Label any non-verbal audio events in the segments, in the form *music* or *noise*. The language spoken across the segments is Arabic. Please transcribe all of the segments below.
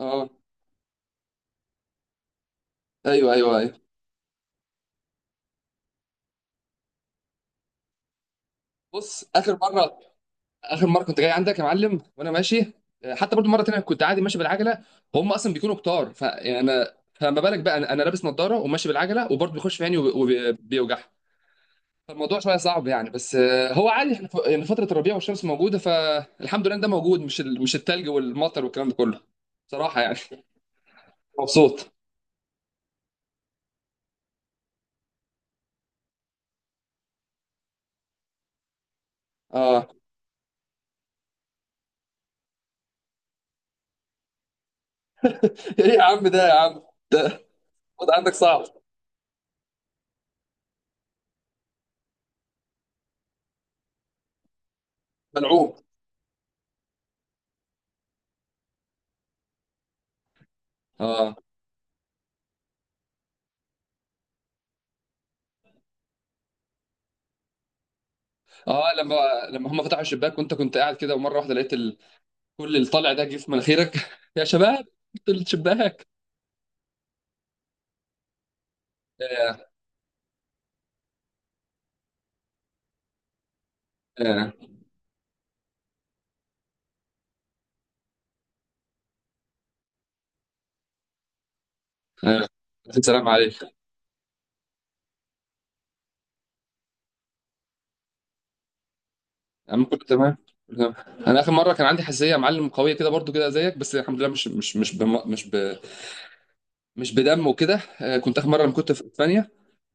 اه. ايوه، ايوه، ايوه. بص، اخر مره كنت جاي عندك يا معلم وانا ماشي. حتى برضو مره تانية كنت عادي ماشي بالعجله. هم اصلا بيكونوا كتار، فانا فما بالك بقى أنا لابس نظاره وماشي بالعجله وبرضو بيخش في عيني وبيوجع. فالموضوع شويه صعب يعني، بس هو عادي. احنا يعني فتره الربيع والشمس موجوده، فالحمد لله إن ده موجود، مش التلج والمطر والكلام ده كله، صراحه يعني. *laughs* مبسوط. اه. *laughs* ايه يا عم ده؟ يا عم ده الوضع عندك صعب، ملعوب. اه، اه. لما هم فتحوا الشباك وانت كنت قاعد كده ومره واحده لقيت كل اللي طالع ده جه في مناخيرك. *laughs* يا شباب، قلت الشباك. آه، آه، آه. السلام عليك. يا عم كله تمام، كله تمام. انا اخر مره كان عندي حساسيه يا معلم، قويه كده برضو كده زيك، بس الحمد لله مش مش مش بم... مش ب... مش بدم وكده. آه، كنت اخر مره لما كنت في اسبانيا.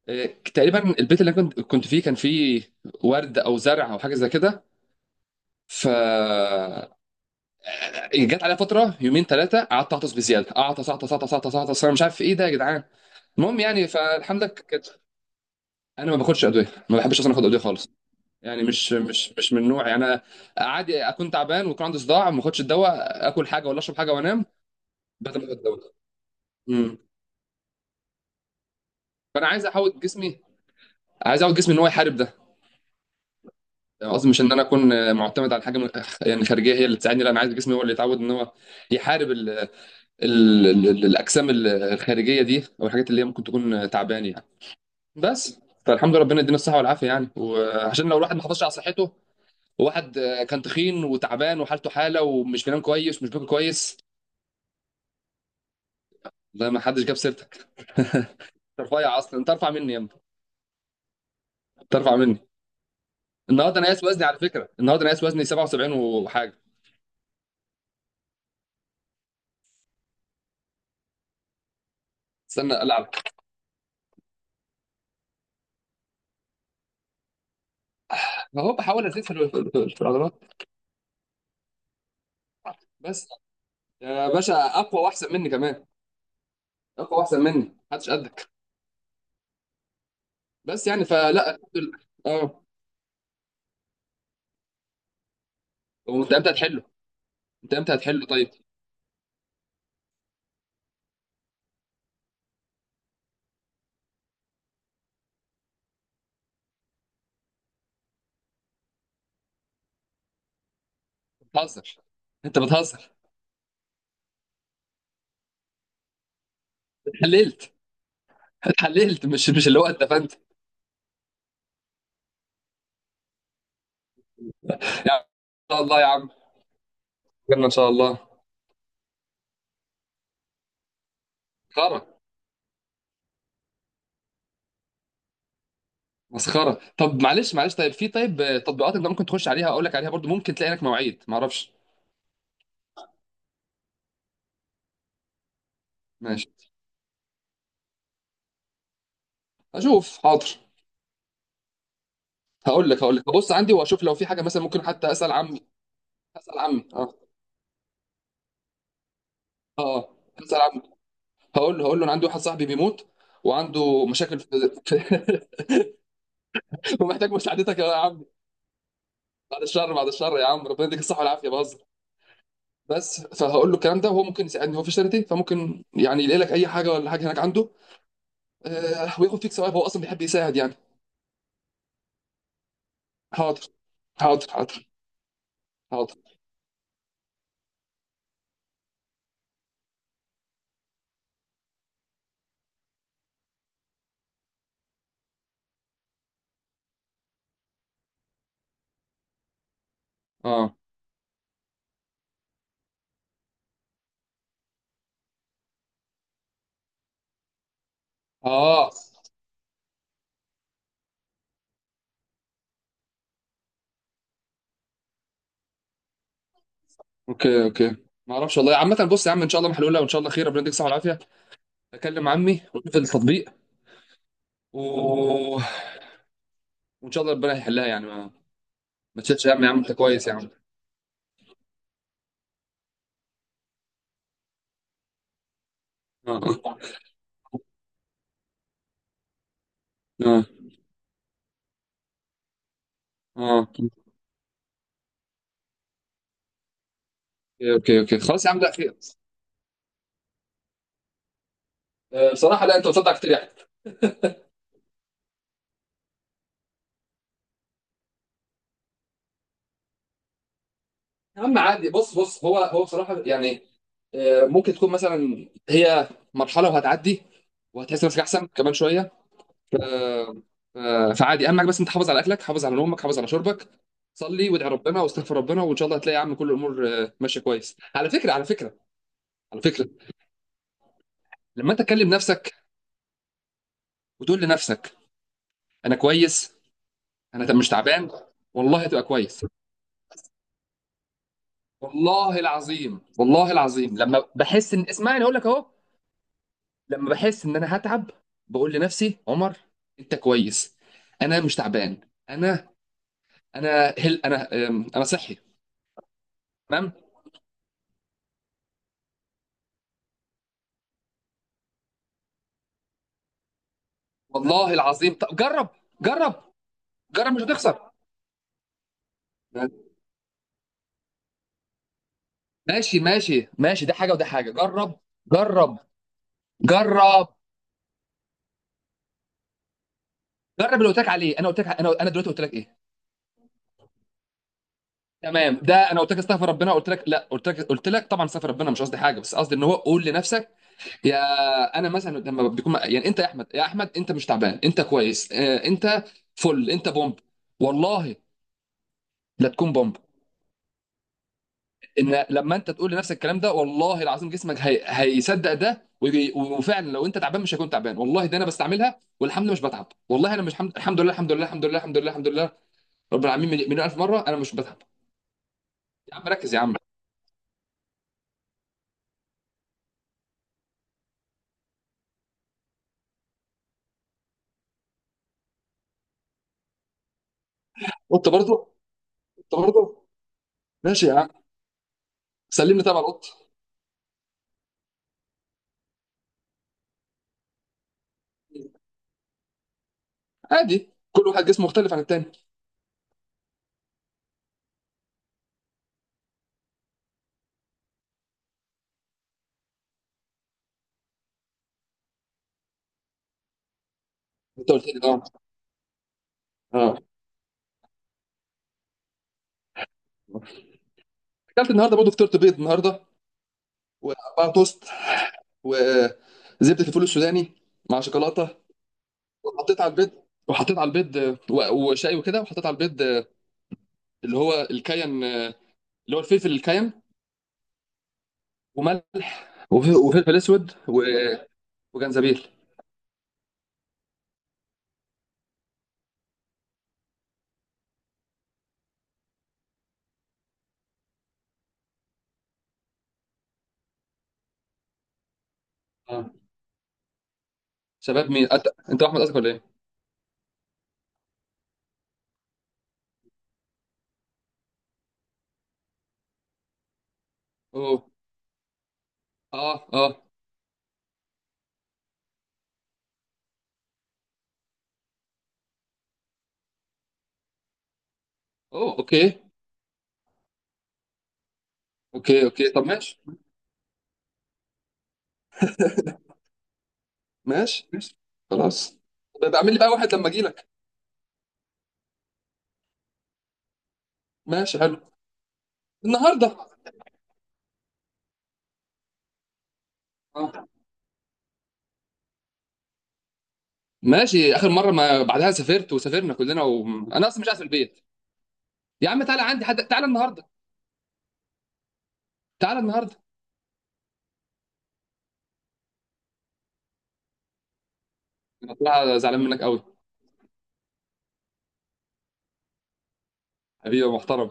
آه تقريبا البيت اللي أنا كنت فيه كان فيه ورد او زرع او حاجه زي كده. ف جت عليا فتره يومين ثلاثه قعدت اعطس بزياده، اعطس اعطس اعطس اعطس اعطس، انا مش عارف ايه ده يا جدعان. المهم يعني فالحمد لله كانت. انا ما باخدش ادويه، ما بحبش اصلا اخد ادويه خالص. يعني مش من نوعي انا. عادي اكون تعبان ويكون عندي صداع، ما اخدش الدواء، اكل حاجه ولا اشرب حاجه وانام بدل ما اخد الدواء امم فانا عايز احاول جسمي، عايز اعود جسمي ان هو يحارب ده. يعني قصدي مش ان انا اكون معتمد على حاجه يعني خارجيه هي اللي تساعدني، لا، انا عايز جسمي هو اللي يتعود ان هو يحارب ال الاجسام الخارجيه دي، او الحاجات اللي هي ممكن تكون تعبان يعني. بس، فالحمد لله، ربنا يدينا الصحه والعافيه يعني، وعشان لو الواحد ما حافظش على صحته، وواحد كان تخين وتعبان وحالته حاله ومش بينام كويس ومش باكل كويس. ده ما حدش جاب سيرتك. *laughs* انت رفيع اصلا، انت ارفع مني يا ابني، انت ارفع مني. النهارده انا قايس وزني، على فكره، النهارده انا قايس وزني 77 وحاجه. استنى، العب. اهو بحاول ازيد في في العضلات. بس يا باشا، اقوى واحسن مني كمان، اقوى واحسن مني، محدش قدك. بس يعني فلا، الحمد لله. اه. وانت امتى هتحله؟ انت امتى هتحله طيب؟ بتهزر. انت بتهزر. اتحللت، اتحللت، مش اللي هو اتدفنت. يا عم، ان شاء الله يا عم، خيرنا ان شاء الله. مسخره، مسخره. طب معلش، معلش. طيب في، طيب تطبيقات انت ممكن تخش عليها، اقول لك عليها برضو، ممكن تلاقي لك مواعيد، ما اعرفش. ماشي، اشوف، حاضر. هقول لك هبص عندي واشوف لو في حاجه، مثلا ممكن حتى اسال عمي. اسال عمي، اه، اه، آه. اسال عمي. هقول له انا عندي واحد صاحبي بيموت، وعنده مشاكل في *laughs* في- ومحتاج مساعدتك يا عم. بعد الشر، بعد الشر يا عم، ربنا يديك الصحه والعافيه، بهزر. بس فهقول له الكلام ده، وهو ممكن يساعدني، هو في شركتي، فممكن يعني يلاقي لك اي حاجه ولا حاجه هناك عنده. وياخد فيك ثواب، هو اصلا بيحب يساعد يعني. حاضر، حاضر، حاضر، حاضر. اه، اه. اوكي، اوكي. ما اعرفش والله. عامة بص يا عم، ان شاء الله محلولة، وان شاء الله خير، ربنا يديك الصحة والعافية. اكلم عمي واشوف التطبيق. و... وان شاء الله ربنا يحلها يعني. ما تشيلش هم يا عم، انت كويس يا عم. اه، اه، اه. اوكي، اوكي، اوكي، خلاص يا عم، لا خير. بصراحة لا، انت بتصدق كتير يعني. يا عم عادي، بص، بص، هو هو بصراحة يعني. ممكن تكون مثلا هي مرحلة وهتعدي وهتحس نفسك احسن كمان شوية. آه، فعادي، اهم حاجه بس انت حافظ على اكلك، حافظ على نومك، حافظ على شربك، صلي وادعي ربنا واستغفر ربنا، وان شاء الله هتلاقي يا عم كل الامور ماشيه كويس. على فكره، على فكره، على فكره، لما انت تكلم نفسك وتقول لنفسك انا كويس، انا مش تعبان، والله هتبقى كويس. والله العظيم، والله العظيم، لما بحس ان، اسمعني، اقول لك اهو، لما بحس ان انا هتعب بقول لنفسي: عمر انت كويس، انا مش تعبان، انا انا هل انا، انا صحي. تمام. والله العظيم، طب جرب، جرب، جرب، مش هتخسر. ماشي، ماشي، ماشي، ده حاجه وده حاجه، جرب. جرب، جرب، جرب اللي قلت لك عليه. انا قلت لك، انا دلوقتي قلت لك ايه؟ تمام. ده انا قلت لك استغفر ربنا، قلت لك لا، قلت لك طبعا استغفر ربنا، مش قصدي حاجه، بس قصدي ان هو قول لنفسك، يا انا مثلا لما بتكون يعني، انت يا احمد، يا احمد، انت مش تعبان، انت كويس، انت فل، انت بومب، والله، لا تكون بومب. ان لما انت تقول لنفسك الكلام ده، والله العظيم، جسمك هيصدق ده، وفعلا لو انت تعبان مش هيكون تعبان. والله ده انا بستعملها والحمد لله مش بتعب، والله انا مش حمد... الحمد لله، الحمد لله، الحمد لله، الحمد لله، الحمد لله رب العالمين، مليون مليون الف مره، انا مش بتعب. يا عم ركز يا عم. وانت برضه، انت برضه. ماشي يا عم. سلمني طبعا القط. عادي، كل واحد جسمه مختلف عن التاني. انت قلت لي، اه، اه. اكلت النهارده برضه، فطرت بيض النهارده، واربعه توست، وزبده الفول السوداني مع شوكولاته. وحطيت على البيض، وحطيت على البيض، وشاي وكده. وحطيت على البيض اللي هو الكاين، اللي هو الفلفل الكاين، وملح، وفلفل اسود، وجنزبيل. اه. شباب مين، انت احمد قصدك ولا ايه؟ اوه، اه، اه. اوه، اوكي، اوكي. اوكي طب ماشي. *laughs* ماشي، ماشي، خلاص. بقى اعمل لي بقى واحد لما اجي لك. ماشي، حلو. النهارده. آه. ماشي، اخر مره ما بعدها سافرت وسافرنا كلنا، وانا اصلا مش قاعد في البيت. يا عم تعالى عندي، حد تعالى النهارده، تعالى النهارده. انا طلع زعلان منك قوي. حبيبي يا محترم.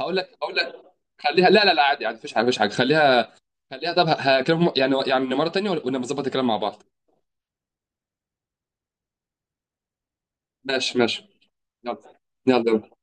هقول لك خليها. لا، لا، لا، عادي، عادي، مفيش حاجه، مفيش حاجه، خليها، خليها. طب هكلمهم يعني مره تانية ونبقى نظبط الكلام مع بعض. ماشي، ماشي. يلا، يلا، يلا.